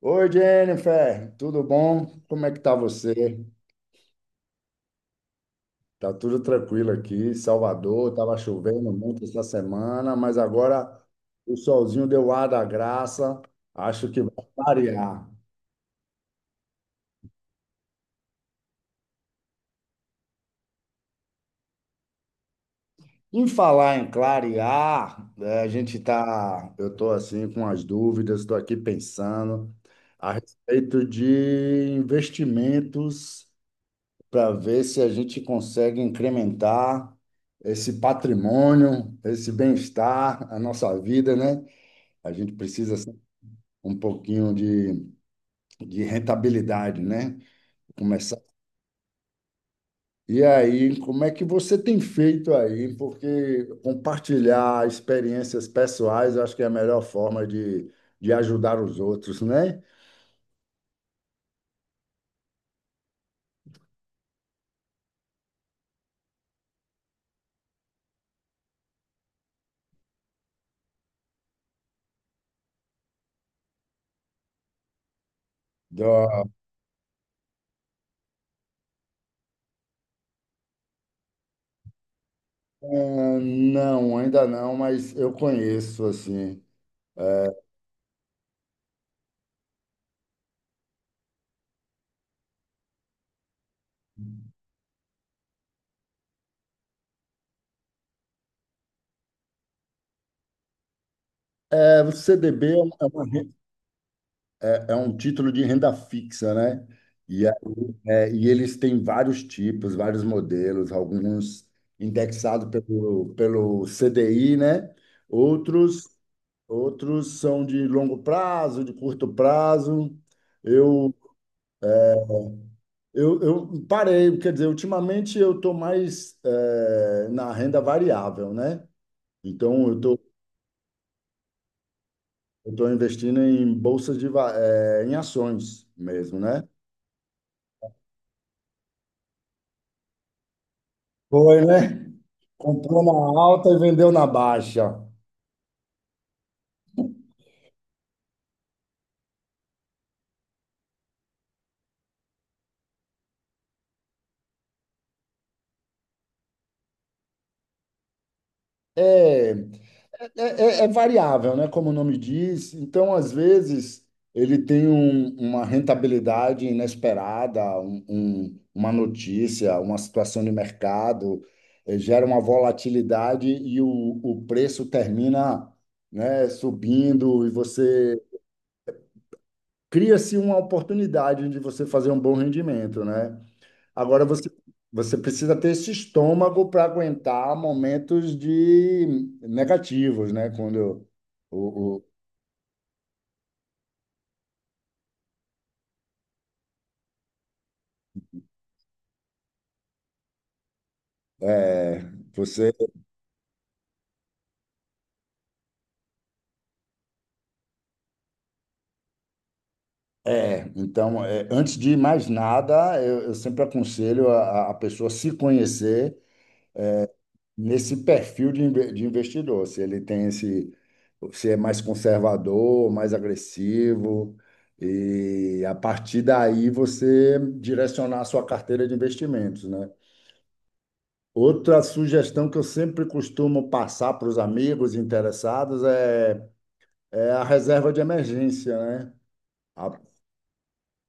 Oi, Jennifer, tudo bom? Como é que tá você? Tá tudo tranquilo aqui, Salvador. Tava chovendo muito essa semana, mas agora o solzinho deu ar da graça, acho que vai clarear. Em falar em clarear, eu tô assim com as dúvidas, estou aqui pensando a respeito de investimentos para ver se a gente consegue incrementar esse patrimônio, esse bem-estar, a nossa vida, né? A gente precisa assim, um pouquinho de rentabilidade, né? Começar. E aí, como é que você tem feito aí? Porque compartilhar experiências pessoais, eu acho que é a melhor forma de ajudar os outros, né? Dó- Ah, não, ainda não, mas eu conheço assim. É, o CDB é uma, é uma é é um título de renda fixa, né? E, e eles têm vários tipos, vários modelos, alguns indexados pelo CDI, né? Outros, outros são de longo prazo, de curto prazo. Eu, eu parei, quer dizer, ultimamente eu estou mais na renda variável, né? Então eu tô investindo em bolsas de, va- eh, em ações mesmo, né? Foi, né? Comprou na alta e vendeu na baixa. É, é, é variável, né? Como o nome diz. Então, às vezes, ele tem uma rentabilidade inesperada, uma notícia, uma situação de mercado, gera uma volatilidade e o preço termina, né, subindo e você cria-se uma oportunidade de você fazer um bom rendimento, né? Agora você precisa ter esse estômago para aguentar momentos de negativos, né? Quando o- é, você é, Então, antes de mais nada, eu sempre aconselho a pessoa se conhecer nesse perfil de investidor, se ele tem esse, se é mais conservador, mais agressivo, e a partir daí você direcionar a sua carteira de investimentos, né? Outra sugestão que eu sempre costumo passar para os amigos interessados é a reserva de emergência, né? A,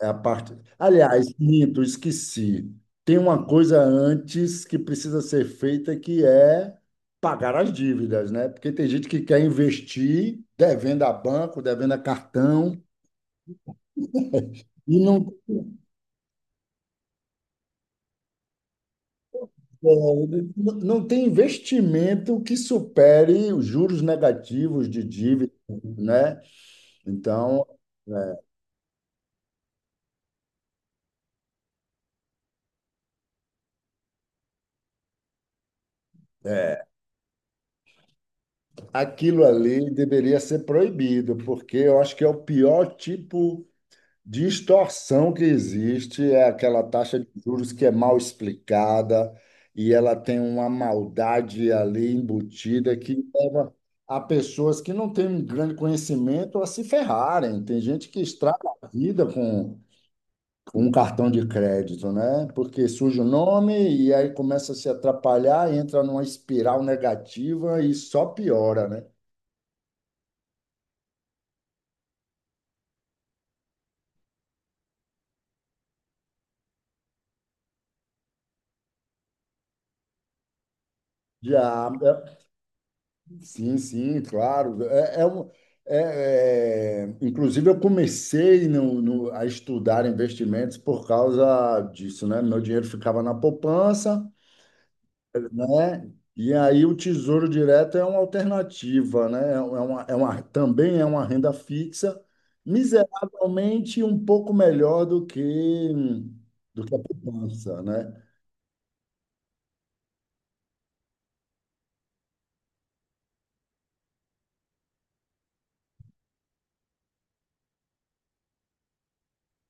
é a parte. Aliás, minto, esqueci. Tem uma coisa antes que precisa ser feita que é pagar as dívidas, né? Porque tem gente que quer investir devendo a banco, devendo a cartão e não, é, não tem investimento que supere os juros negativos de dívida, né? Então, aquilo ali deveria ser proibido, porque eu acho que é o pior tipo de extorsão que existe, é aquela taxa de juros que é mal explicada e ela tem uma maldade ali embutida que leva a pessoas que não têm um grande conhecimento a se ferrarem. Tem gente que estraga a vida com um cartão de crédito, né? Porque surge o nome e aí começa a se atrapalhar, entra numa espiral negativa e só piora, né? Já, é, sim, sim, claro. Inclusive, eu comecei a estudar investimentos por causa disso, né? Meu dinheiro ficava na poupança, né? E aí o Tesouro Direto é uma alternativa, né? Também é uma renda fixa, miseravelmente um pouco melhor do que a poupança, né?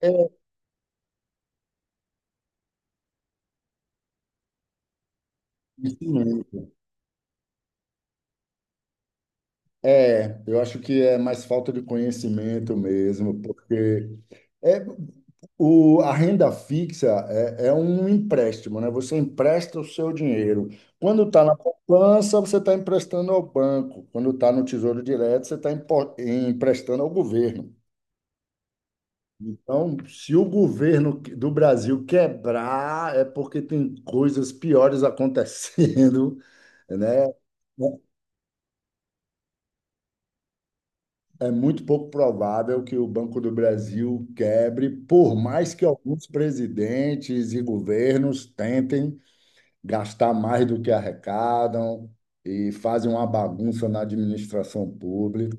É, isso mesmo. É, eu acho que é mais falta de conhecimento mesmo, porque é, a renda fixa é um empréstimo, né? Você empresta o seu dinheiro. Quando está na poupança, você está emprestando ao banco. Quando está no Tesouro Direto, você está emprestando ao governo. Então, se o governo do Brasil quebrar, é porque tem coisas piores acontecendo, né? É muito pouco provável que o Banco do Brasil quebre, por mais que alguns presidentes e governos tentem gastar mais do que arrecadam e fazem uma bagunça na administração pública.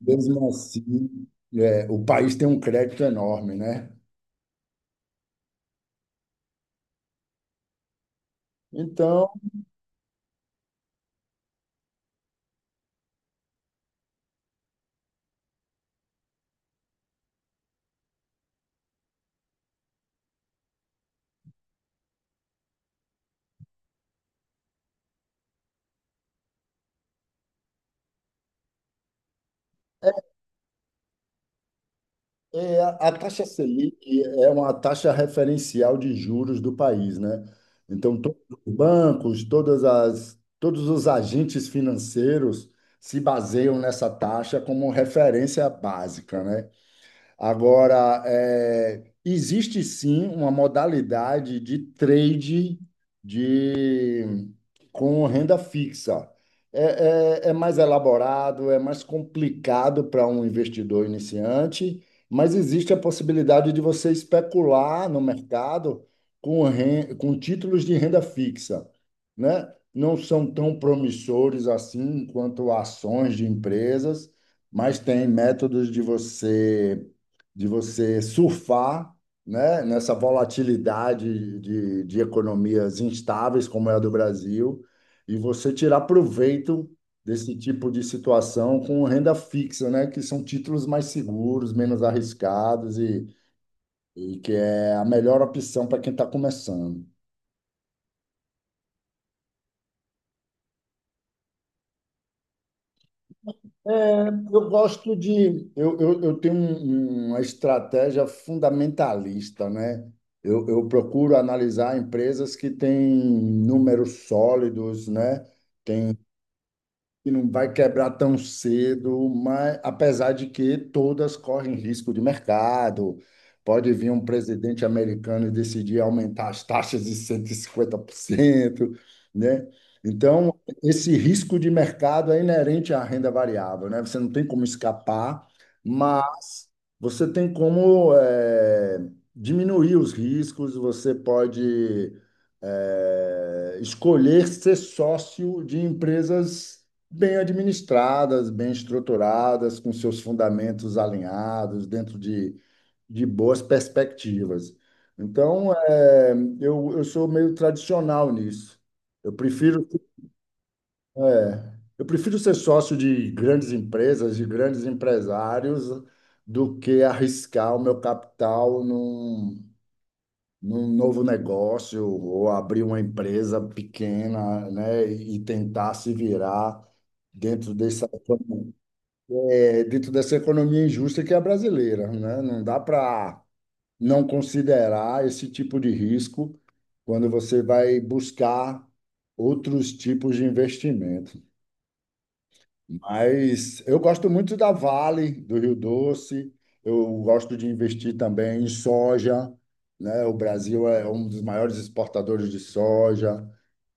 Mesmo assim, o país tem um crédito enorme, né? Então, a taxa Selic é uma taxa referencial de juros do país, né? Então, todos os bancos, todos os agentes financeiros se baseiam nessa taxa como referência básica, né? Agora, existe sim uma modalidade de trade de, com renda fixa. É mais elaborado, é mais complicado para um investidor iniciante, mas existe a possibilidade de você especular no mercado com títulos de renda fixa, né? Não são tão promissores assim quanto ações de empresas, mas tem métodos de você surfar, né, nessa volatilidade de economias instáveis como é a do Brasil, e você tirar proveito desse tipo de situação com renda fixa, né, que são títulos mais seguros, menos arriscados e que é a melhor opção para quem está começando. É, eu gosto de. Eu tenho uma estratégia fundamentalista, né? Eu procuro analisar empresas que têm números sólidos, né? Que não vai quebrar tão cedo, mas apesar de que todas correm risco de mercado. Pode vir um presidente americano e decidir aumentar as taxas de 150%, né? Então, esse risco de mercado é inerente à renda variável, né? Você não tem como escapar, mas você tem como diminuir os riscos, você pode escolher ser sócio de empresas bem administradas, bem estruturadas, com seus fundamentos alinhados, dentro de boas perspectivas. Então, eu sou meio tradicional nisso. Eu prefiro, eu prefiro ser sócio de grandes empresas, de grandes empresários, do que arriscar o meu capital num novo negócio ou abrir uma empresa pequena, né, e tentar se virar dentro dessa dentro dessa economia injusta que é a brasileira, né? Não dá para não considerar esse tipo de risco quando você vai buscar outros tipos de investimento. Mas eu gosto muito da Vale, do Rio Doce, eu gosto de investir também em soja, né? O Brasil é um dos maiores exportadores de soja.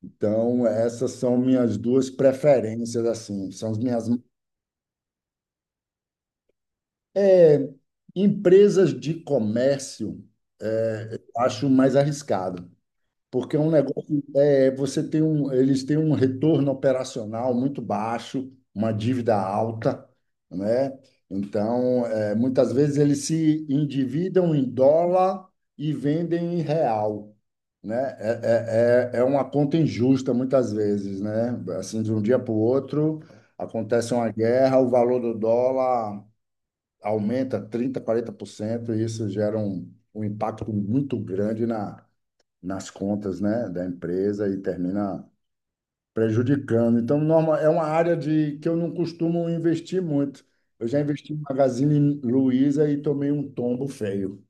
Então, essas são minhas duas preferências, assim, são as minhas. Empresas de comércio, eu acho mais arriscado, porque é um negócio, eles têm um retorno operacional muito baixo, uma dívida alta, né? Então, muitas vezes eles se endividam em dólar e vendem em real, né? É uma conta injusta muitas vezes, né? Assim, de um dia para o outro acontece uma guerra, o valor do dólar aumenta 30 40% e isso gera um impacto muito grande nas contas, né, da empresa e termina prejudicando. Então, é uma área que eu não costumo investir muito. Eu já investi em Magazine Luiza e tomei um tombo feio,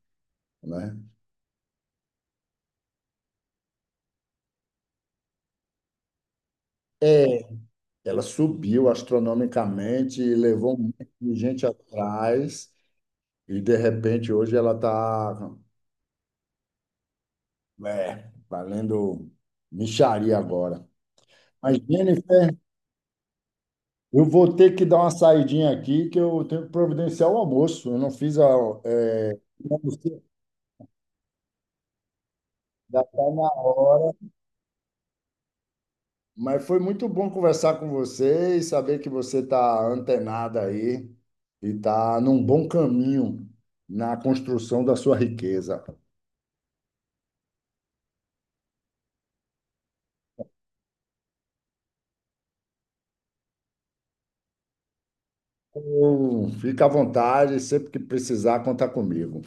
né? É, Ela subiu astronomicamente e levou um monte de gente atrás, e de repente hoje ela está, valendo mixaria agora. Mas, Jennifer, eu vou ter que dar uma saidinha aqui, que eu tenho que providenciar o almoço. Eu não fiz a. é, não sei, já está na hora. Mas foi muito bom conversar com você e saber que você está antenada aí e está num bom caminho na construção da sua riqueza. Então, fica à vontade, sempre que precisar, contar comigo.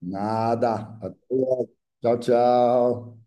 Nada. Até. Tchau, tchau.